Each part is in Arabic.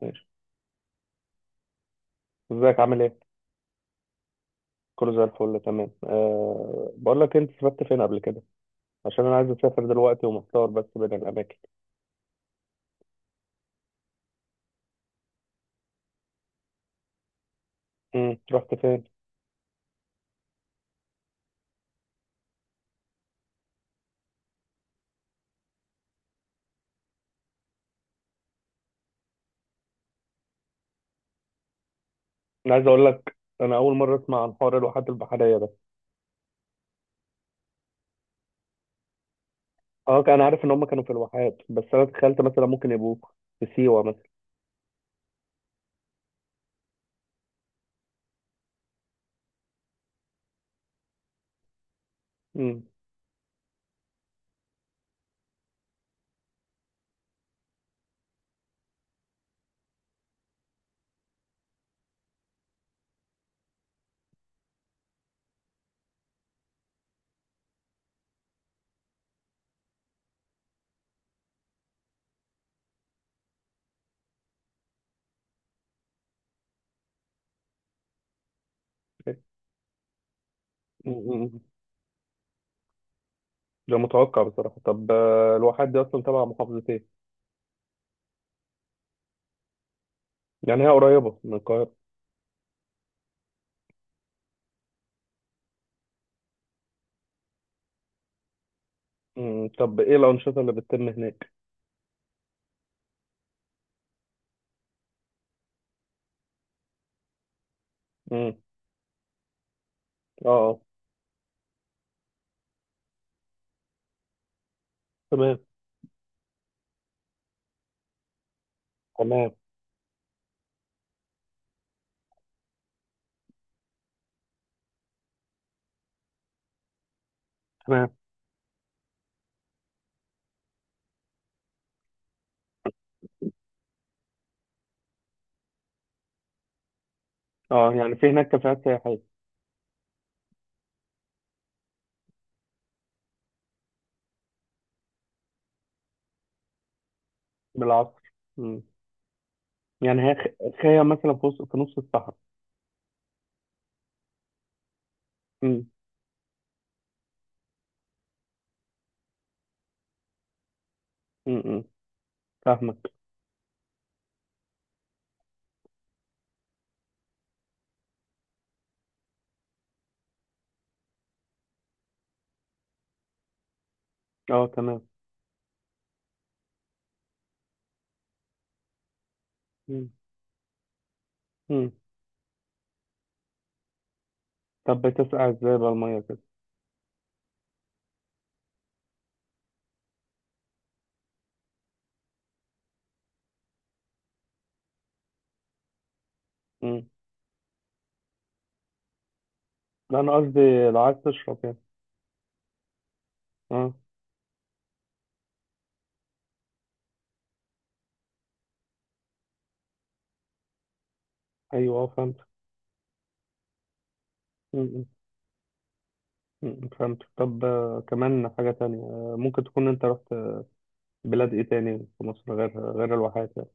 ماشي، ازيك عامل ايه؟ كله زي الفل تمام. بقول لك انت سافرت فين قبل كده؟ عشان انا عايز اسافر دلوقتي ومحتار بس بين الاماكن. رحت فين؟ انا عايز اقول لك انا اول مره اسمع عن حوار الواحات البحريه ده. اه، انا عارف ان هم كانوا في الواحات، بس انا تخيلت مثلا ممكن يبقوا في سيوه مثلا. امم أمم. ده متوقع بصراحه. طب، الواحات دي اصلا تبع محافظه ايه؟ يعني هي قريبه من القاهره. طب ايه الانشطه اللي بتتم هناك؟ امم اه، اه. تمام، تمام، تمام. اه، يعني في هناك كافيهات سياحية. بالعصر. مم. يعني هي خيام مثلا، في نص الصحراء. مم. مم. مم. فاهمك. اه، تمام. مم. مم. طب بتسقع ازاي بقى المية كده؟ مم. لا، انا قصدي لو عايز تشرب يعني. اه. ايوه، اه، فهمت. مم. مم. مم. فهمت. طب كمان حاجة تانية، ممكن تكون انت رحت بلاد ايه تاني في مصر، غير الواحات يعني.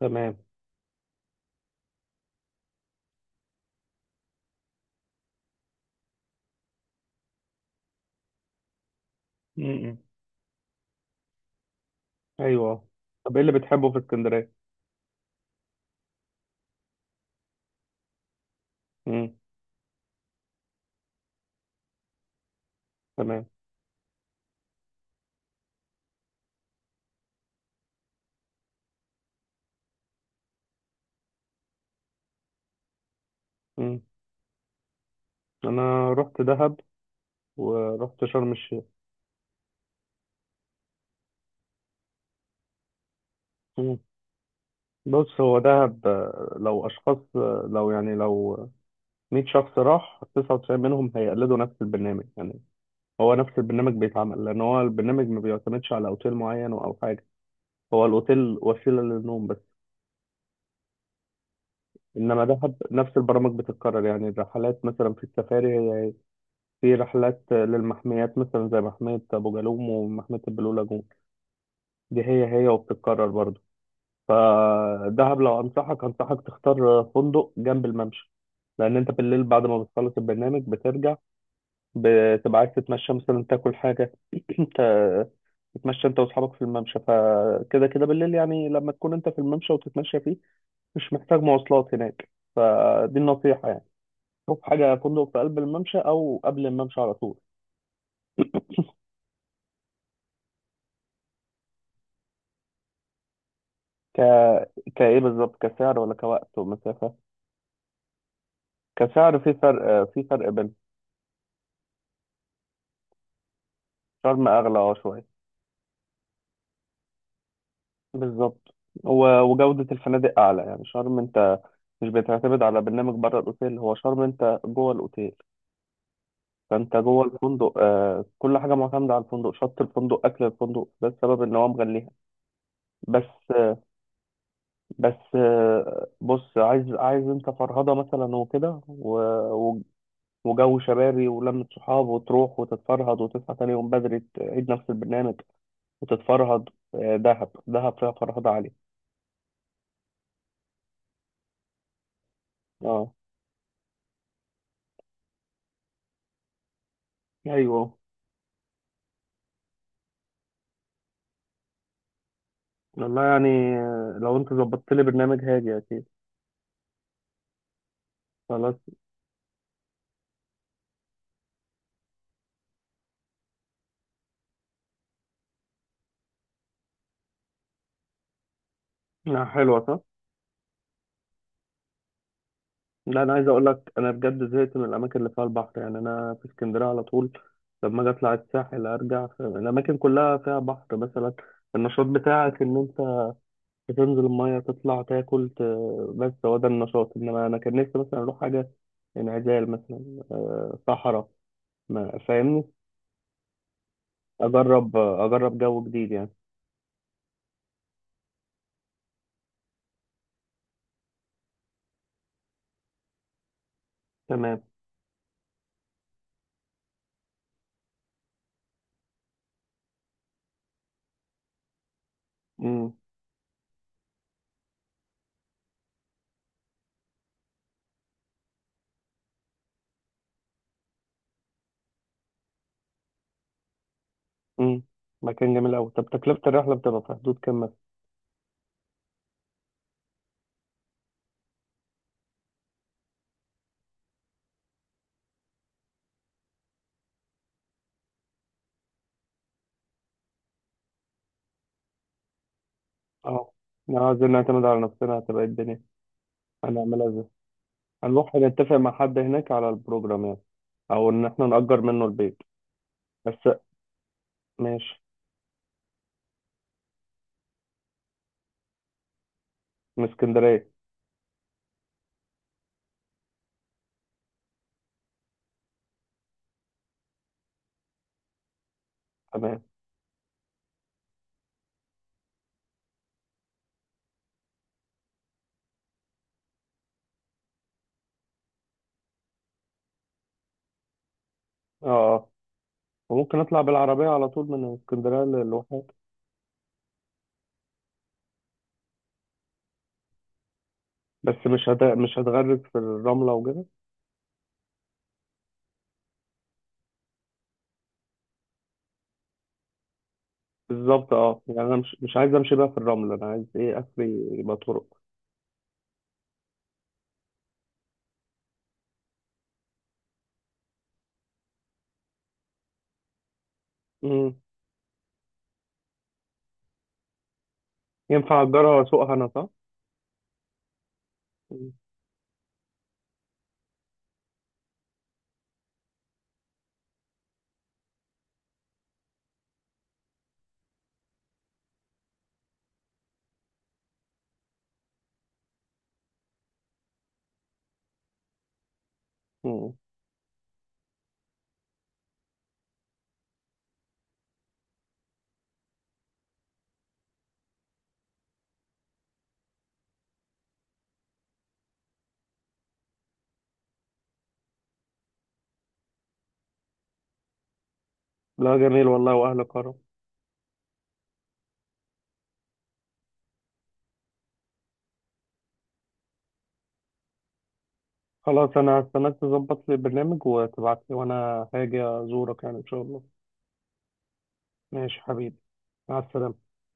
تمام. مم. مم. ايوه. طب ايه اللي بتحبه في اسكندرية؟ مم. تمام. مم. انا رحت دهب ورحت شرم الشيخ. مم. بص، هو دهب. لو أشخاص آه، لو يعني لو 100 شخص، راح 99 منهم هيقلدوا نفس البرنامج يعني. هو نفس البرنامج بيتعمل، لأن هو البرنامج ما بيعتمدش على أوتيل معين أو حاجة. هو الأوتيل وسيلة للنوم بس. إنما دهب نفس البرامج بتتكرر، يعني الرحلات مثلا في السفاري هي هي. في رحلات للمحميات، مثلا زي محمية أبو جالوم ومحمية البلو لاجون. دي هي هي، وبتتكرر برضه. فدهب، لو انصحك تختار فندق جنب الممشى، لان انت بالليل بعد ما بتخلص البرنامج بترجع، بتبقى عايز تتمشى، مثلا تاكل حاجه. ت- تتمشى انت واصحابك في الممشى، فكده كده بالليل يعني، لما تكون انت في الممشى وتتمشى فيه مش محتاج مواصلات هناك. فدي النصيحه يعني. شوف حاجه فندق في قلب الممشى، او قبل الممشى على طول. ك كايه بالظبط، كسعر ولا كوقت ومسافه؟ كسعر، في فرق بين. شرم اغلى شويه. بالظبط. وجودة الفنادق أعلى، يعني شرم أنت مش بتعتمد على برنامج بره الأوتيل، هو شرم أنت جوه الأوتيل. فأنت جوه الفندق، كل حاجة معتمدة على الفندق، شط الفندق، أكل الفندق. ده السبب إن هو مغليها. بس بس بص، عايز، عايز أنت فرهضة مثلا وكده، و- وجو شبابي ولمة صحاب، وتروح وتتفرهد، وتصحى تاني يوم بدري تعيد نفس البرنامج وتتفرهد. دهب دهب فيها فرهضة عالية. اه، ايوه. والله يعني، لو انت ظبطت لي برنامج هاجي اكيد. خلاص. لا، حلوه صح. لا، انا عايز اقول لك، انا بجد زهقت من الاماكن اللي فيها البحر. يعني انا في اسكندريه على طول، لما اجي اطلع الساحل ارجع. الاماكن كلها فيها بحر مثلا. النشاط بتاعك ان انت تنزل الميه، تطلع، تاكل، بس هو ده النشاط. انما انا كان نفسي مثلا اروح حاجه انعزال، مثلا، صحراء، ما فاهمني، اجرب، اجرب جو جديد يعني. تمام. مم. امم مكان جميل قوي. طب تكلفة الرحلة بتبقى في حدود كام مثلا؟ اه. لو عايزين نعتمد على نفسنا، هتبقى إيه الدنيا؟ هنعملها ازاي؟ هنروح نتفق مع حد هناك على البروجرام يعني، او ان احنا نأجر منه البيت. بس. ماشي. من اسكندرية. تمام. اه، اه. وممكن نطلع بالعربية على طول من اسكندرية للواحات؟ بس مش هتغرق في الرملة وكده؟ بالظبط، اه. يعني انا مش عايز امشي بقى في الرملة، انا عايز ايه اخري، يبقى طرق. امم ينفع اجرها واسوقها انا، صح؟ امم لا، جميل والله، واهل كرم. خلاص، انا هستناك تظبط لي برنامج وتبعت لي، وانا هاجي ازورك يعني ان شاء الله. ماشي حبيبي. مع السلامة.